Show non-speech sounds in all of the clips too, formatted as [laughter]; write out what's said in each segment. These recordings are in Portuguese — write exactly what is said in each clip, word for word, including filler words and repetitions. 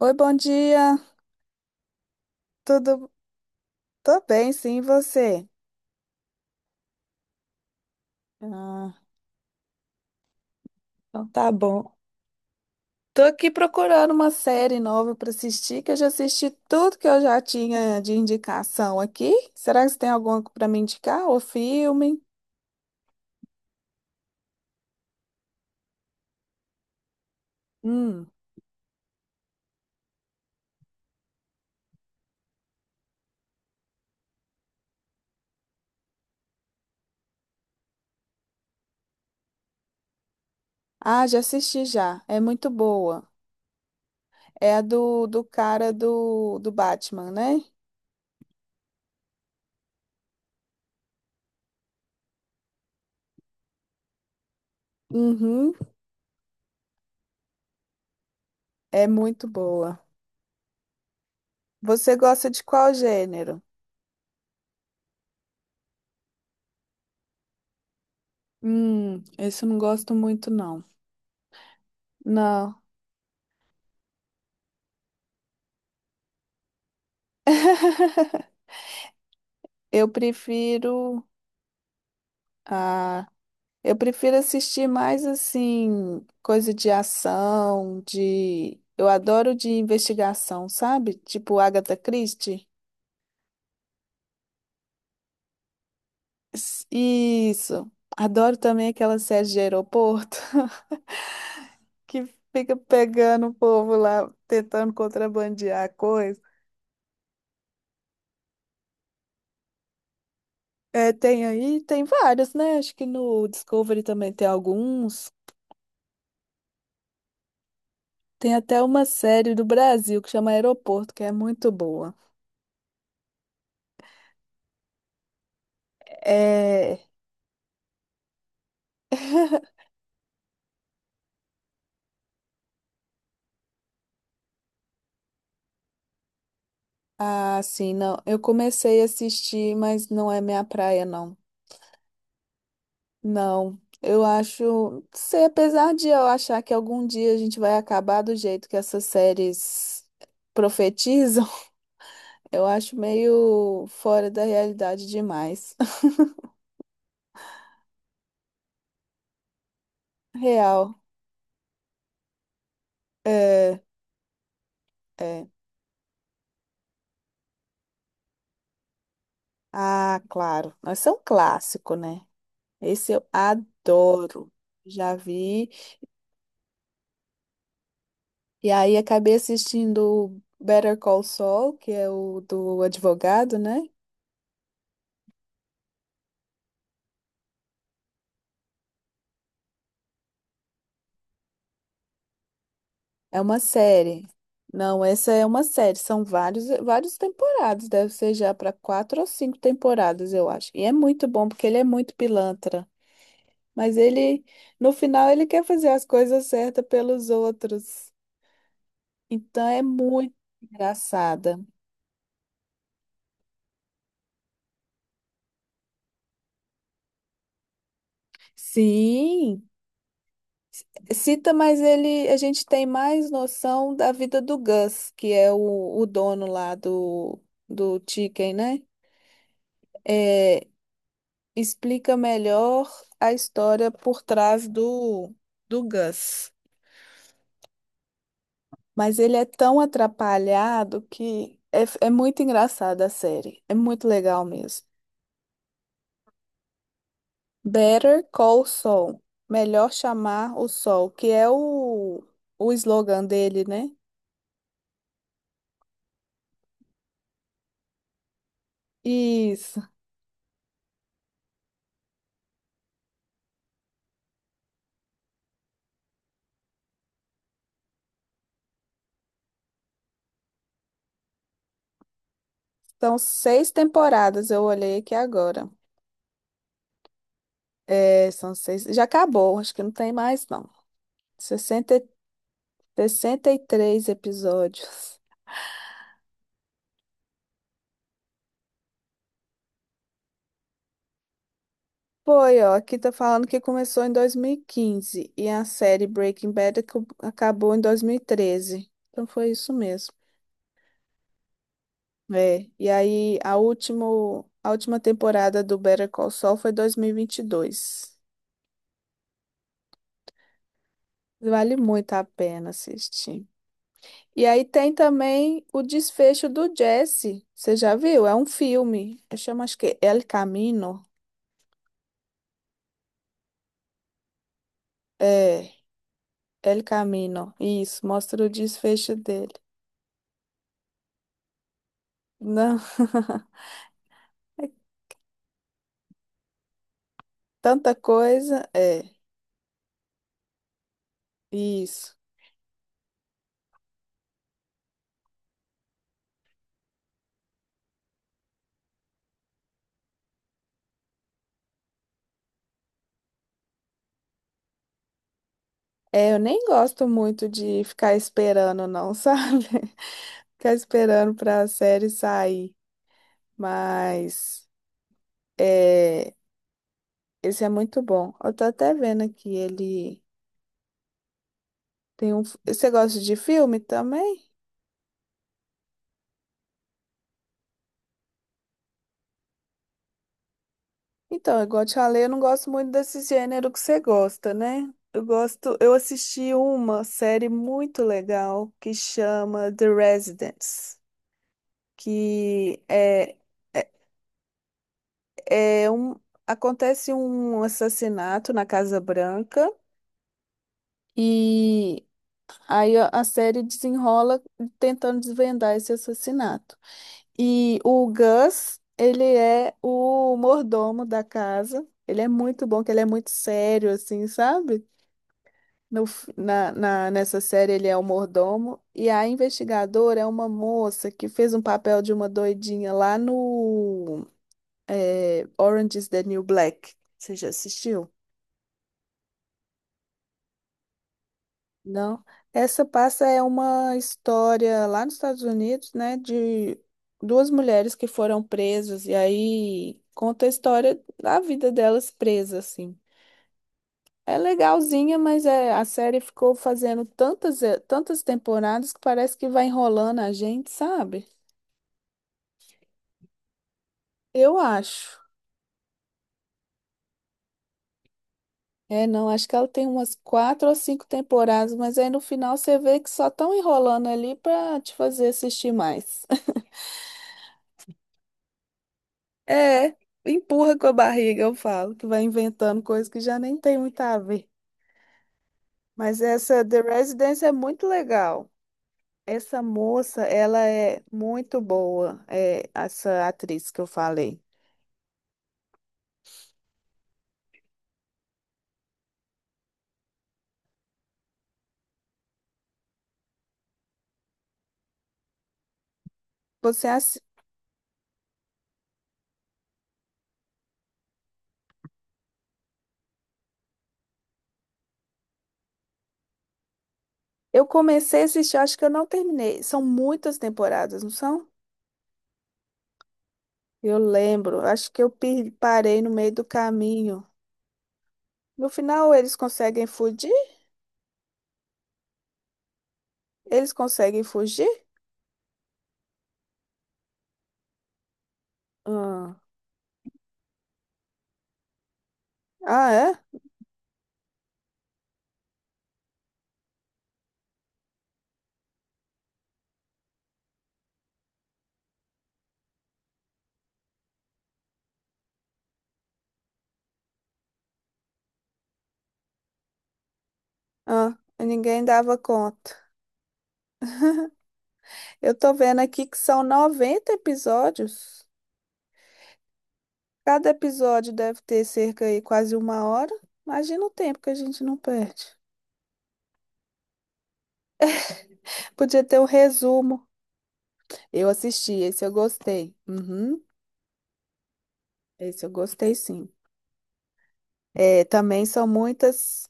Oi, bom dia. Tudo? Tô bem, sim, e você? Ah, então tá bom. Tô aqui procurando uma série nova pra assistir, que eu já assisti tudo que eu já tinha de indicação aqui. Será que você tem alguma pra me indicar? Ou filme? Hum. Ah, já assisti já. É muito boa. É a do, do cara do, do Batman, né? Uhum. É muito boa. Você gosta de qual gênero? Hum, esse eu não gosto muito, não. Não. [laughs] Eu prefiro a eu prefiro assistir mais assim, coisa de ação, de eu adoro de investigação, sabe? Tipo Agatha Christie. S- Isso. Adoro também aquela série de aeroporto [laughs] que fica pegando o povo lá tentando contrabandear coisa. É, tem aí, tem vários, né? Acho que no Discovery também tem alguns. Tem até uma série do Brasil que chama Aeroporto, que é muito boa. É, ah, sim, não. Eu comecei a assistir, mas não é minha praia, não. Não. Eu acho, sei, apesar de eu achar que algum dia a gente vai acabar do jeito que essas séries profetizam, [laughs] eu acho meio fora da realidade demais. [laughs] Real. É, é. Ah, claro. Mas é um clássico, né? Esse eu adoro. Já vi. E aí acabei assistindo o Better Call Saul, que é o do advogado, né? É uma série. Não, essa é uma série. São vários, vários temporadas. Deve ser já para quatro ou cinco temporadas, eu acho. E é muito bom porque ele é muito pilantra. Mas ele, no final, ele quer fazer as coisas certas pelos outros. Então é muito engraçada. Sim. Cita, mas ele, a gente tem mais noção da vida do Gus, que é o, o dono lá do, do Chicken, né? É, explica melhor a história por trás do, do Gus. Mas ele é tão atrapalhado que é, é muito engraçada a série. É muito legal mesmo. Better Call Saul. Melhor chamar o Sol, que é o, o slogan dele, né? Isso. São seis temporadas, eu olhei aqui agora. É, são seis. Já acabou, acho que não tem mais, não. sessenta e- sessenta e três episódios. Foi, ó, aqui tá falando que começou em dois mil e quinze e a série Breaking Bad ac- acabou em dois mil e treze. Então foi isso mesmo. É, e aí a último, a última temporada do Better Call Saul foi dois mil e e vinte e dois. Vale muito a pena assistir. E aí tem também o desfecho do Jesse. Você já viu? É um filme. Eu chamo, acho que El Camino. É, El Camino. Isso, mostra o desfecho dele. Não, [laughs] é tanta coisa. É, isso. É, eu nem gosto muito de ficar esperando, não, [laughs] sabe? Ficar esperando para a série sair. Mas é, esse é muito bom. Eu tô até vendo aqui, ele tem um. Você gosta de filme também? Então, igual eu te falei, eu não gosto muito desse gênero que você gosta, né? Eu gosto, eu assisti uma série muito legal que chama The Residence, que é, é, é um, acontece um assassinato na Casa Branca e aí a a série desenrola tentando desvendar esse assassinato. E o Gus, ele é o mordomo da casa. Ele é muito bom, que ele é muito sério, assim, sabe? No, f- na, na- nessa série ele é o mordomo. E a investigadora é uma moça que fez um papel de uma doidinha lá no eh, Orange is the New Black. Você já assistiu? Não. Essa passa é uma história lá nos Estados Unidos, né, de duas mulheres que foram presas e aí conta a história da vida delas presas assim. É legalzinha, mas é, a série ficou fazendo tantas eh, tantas temporadas que parece que vai enrolando a gente, sabe? Eu acho. É, não, acho que ela tem umas quatro ou cinco temporadas, mas aí no final você vê que só estão enrolando ali para te fazer assistir mais. É, empurra com a barriga, eu falo, que vai inventando coisas que já nem tem muito a ver. Mas essa The Residence é muito legal. Essa moça, ela é muito boa, é, essa atriz que eu falei. Você, assi- eu comecei a assistir, acho que eu não terminei. São muitas temporadas, não são? Eu lembro, acho que eu per- parei no meio do caminho. No final, eles conseguem fugir? Eles conseguem fugir? Ah, ah é? Ah, ninguém dava conta. Eu tô vendo aqui que são noventa episódios. Cada episódio deve ter cerca aí quase uma hora. Imagina o tempo que a gente não perde. Podia ter um resumo. Eu assisti, esse eu gostei. Uhum, esse eu gostei sim. É, também são muitas.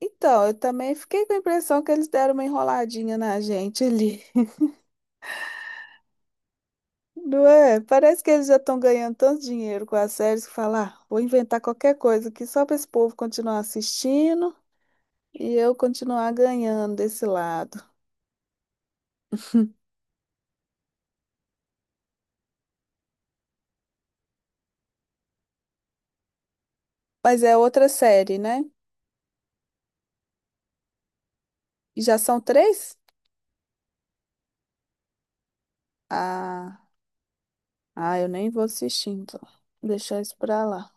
Então, eu também fiquei com a impressão que eles deram uma enroladinha na gente ali. Não é? Parece que eles já estão ganhando tanto dinheiro com as séries que falar, "Ah, vou inventar qualquer coisa aqui só para esse povo continuar assistindo. E eu continuar ganhando desse lado. Mas é outra série, né? E já são três? Ah, ah, eu nem vou assistir, então. Deixar isso pra lá.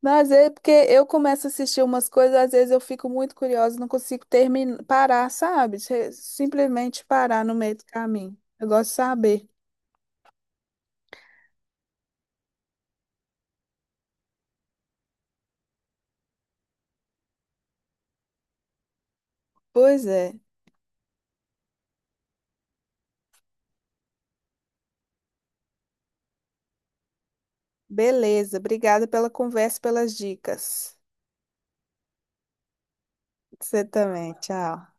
Mas é porque eu começo a assistir umas coisas, às vezes eu fico muito curiosa, não consigo terminar, parar, sabe? Se- Simplesmente parar no meio do caminho. Eu gosto de saber. Pois é. Beleza. Obrigada pela conversa, pelas dicas. Você também. Tchau.